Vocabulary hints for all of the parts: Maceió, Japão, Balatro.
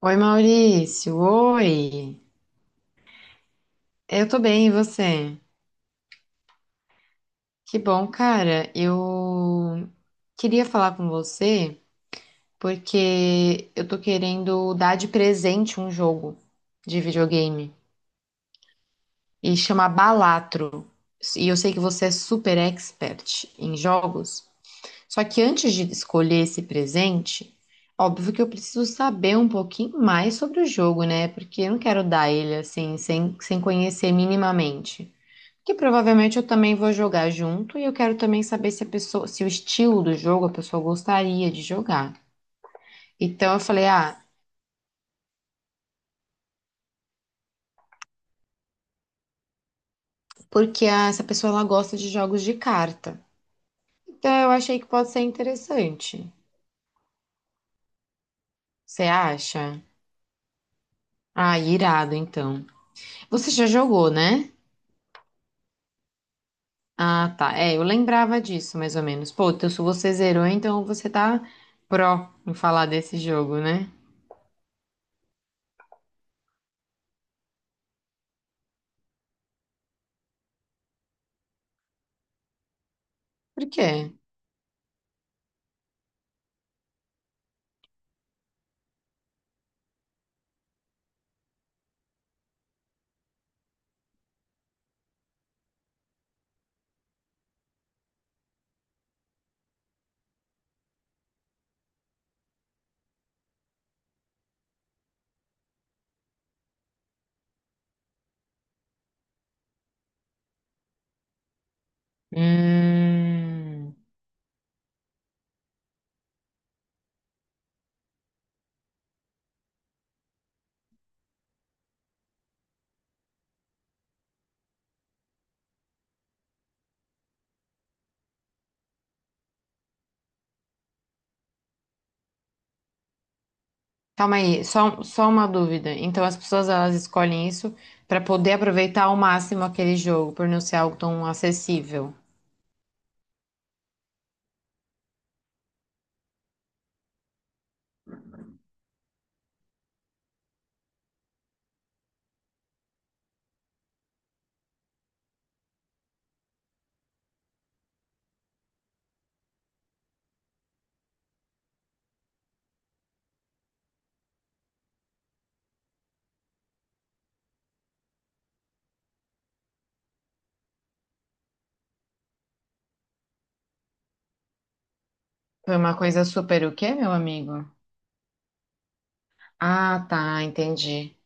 Oi, Maurício. Oi. Eu tô bem, e você? Que bom, cara. Eu queria falar com você porque eu tô querendo dar de presente um jogo de videogame e chama Balatro. E eu sei que você é super expert em jogos. Só que antes de escolher esse presente, óbvio que eu preciso saber um pouquinho mais sobre o jogo, né? Porque eu não quero dar ele assim, sem conhecer minimamente. Que provavelmente eu também vou jogar junto e eu quero também saber se a pessoa, se o estilo do jogo a pessoa gostaria de jogar. Então eu falei, ah, essa pessoa ela gosta de jogos de carta. Então eu achei que pode ser interessante. Você acha? Ah, irado então. Você já jogou, né? Ah, tá. É, eu lembrava disso mais ou menos. Pô, então se você zerou, então você tá pró em falar desse jogo, né? Por quê? Hum. Calma aí, só uma dúvida. Então as pessoas elas escolhem isso para poder aproveitar ao máximo aquele jogo, por não ser algo tão acessível. Foi uma coisa super o quê, meu amigo? Ah, tá, entendi.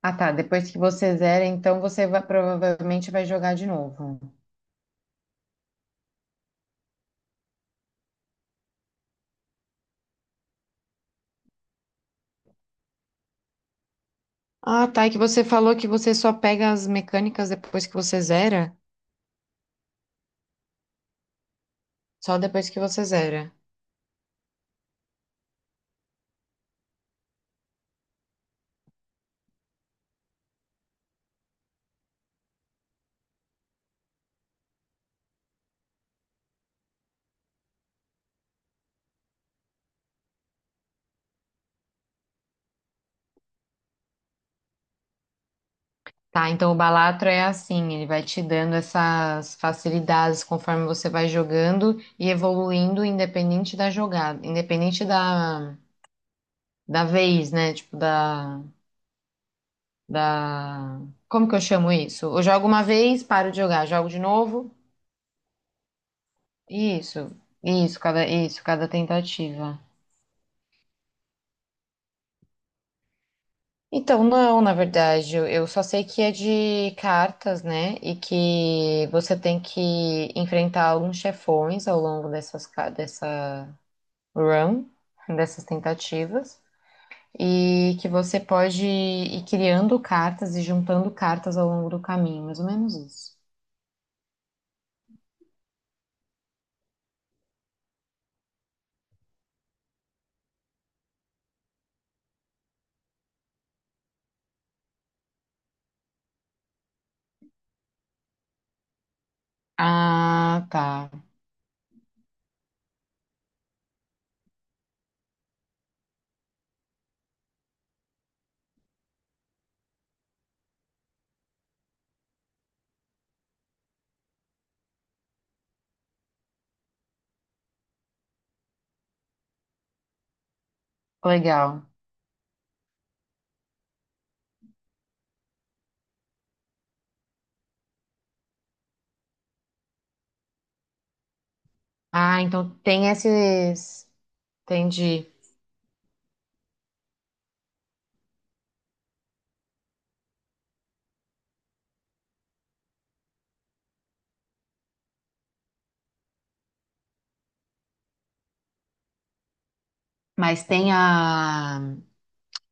Ah, tá, depois que você zera, então provavelmente vai jogar de novo. Ah, tá, e que você falou que você só pega as mecânicas depois que você zera? Só depois que você zera. Tá, então o Balatro é assim, ele vai te dando essas facilidades conforme você vai jogando e evoluindo independente da jogada, independente da vez, né? Tipo, da... Como que eu chamo isso? Eu jogo uma vez, paro de jogar, jogo de novo, isso, isso, cada tentativa. Então, não, na verdade, eu só sei que é de cartas, né? E que você tem que enfrentar alguns chefões ao longo dessa run, dessas tentativas, e que você pode ir criando cartas e juntando cartas ao longo do caminho, mais ou menos isso. Ah, tá. Legal. Ah, então tem esses. Entendi. Mas tem a.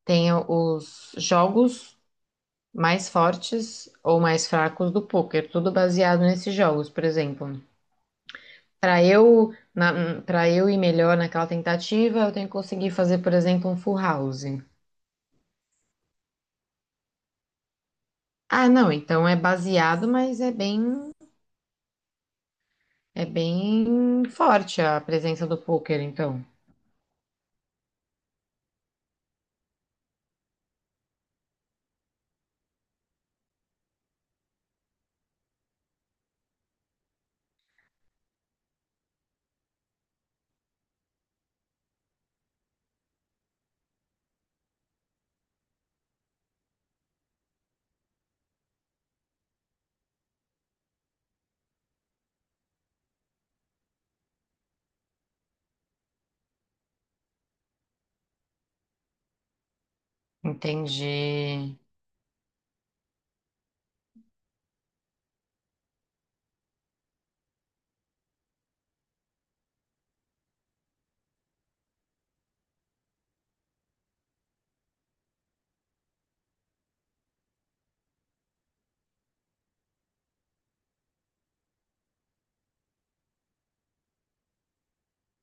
Tem os jogos mais fortes ou mais fracos do poker, tudo baseado nesses jogos, por exemplo. Para eu ir melhor naquela tentativa, eu tenho que conseguir fazer, por exemplo, um full house. Ah, não, então é baseado, mas é bem forte a presença do poker, então. Entendi,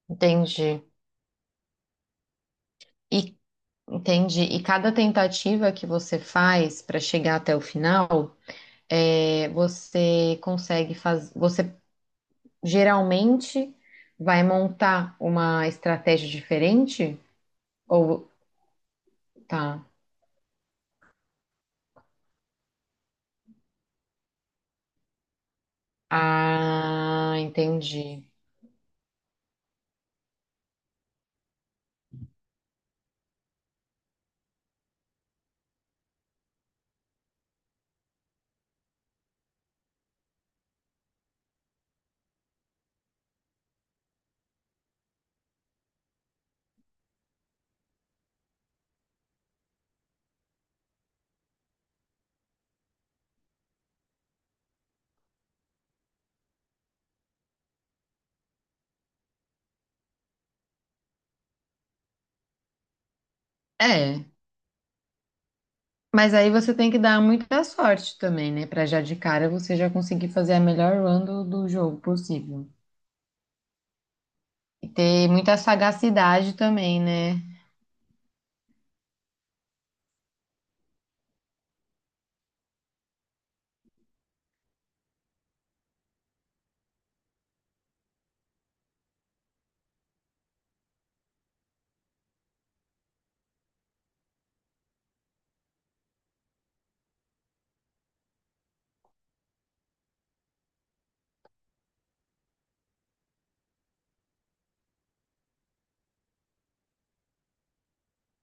entendi. E entendi. E cada tentativa que você faz para chegar até o final, é, você consegue fazer, você geralmente vai montar uma estratégia diferente? Ou tá. Ah, entendi. É. Mas aí você tem que dar muita sorte também, né? Pra já de cara você já conseguir fazer a melhor run do jogo possível. E ter muita sagacidade também, né?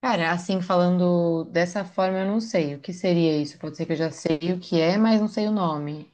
Cara, assim, falando dessa forma, eu não sei o que seria isso. Pode ser que eu já sei o que é, mas não sei o nome.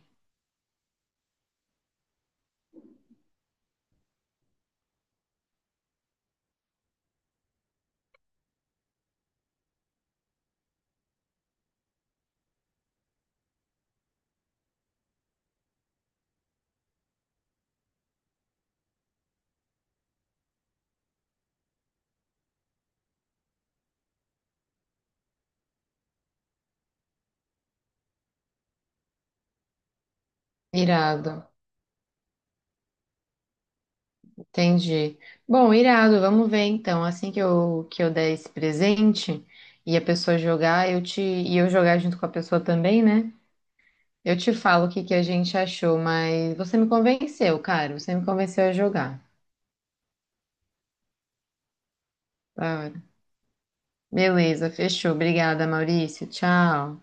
Irado, entendi. Bom, irado, vamos ver então. Assim que eu der esse presente e a pessoa jogar, e eu jogar junto com a pessoa também, né? Eu te falo o que que a gente achou, mas você me convenceu, cara. Você me convenceu a jogar. Da hora. Beleza, fechou. Obrigada, Maurício. Tchau.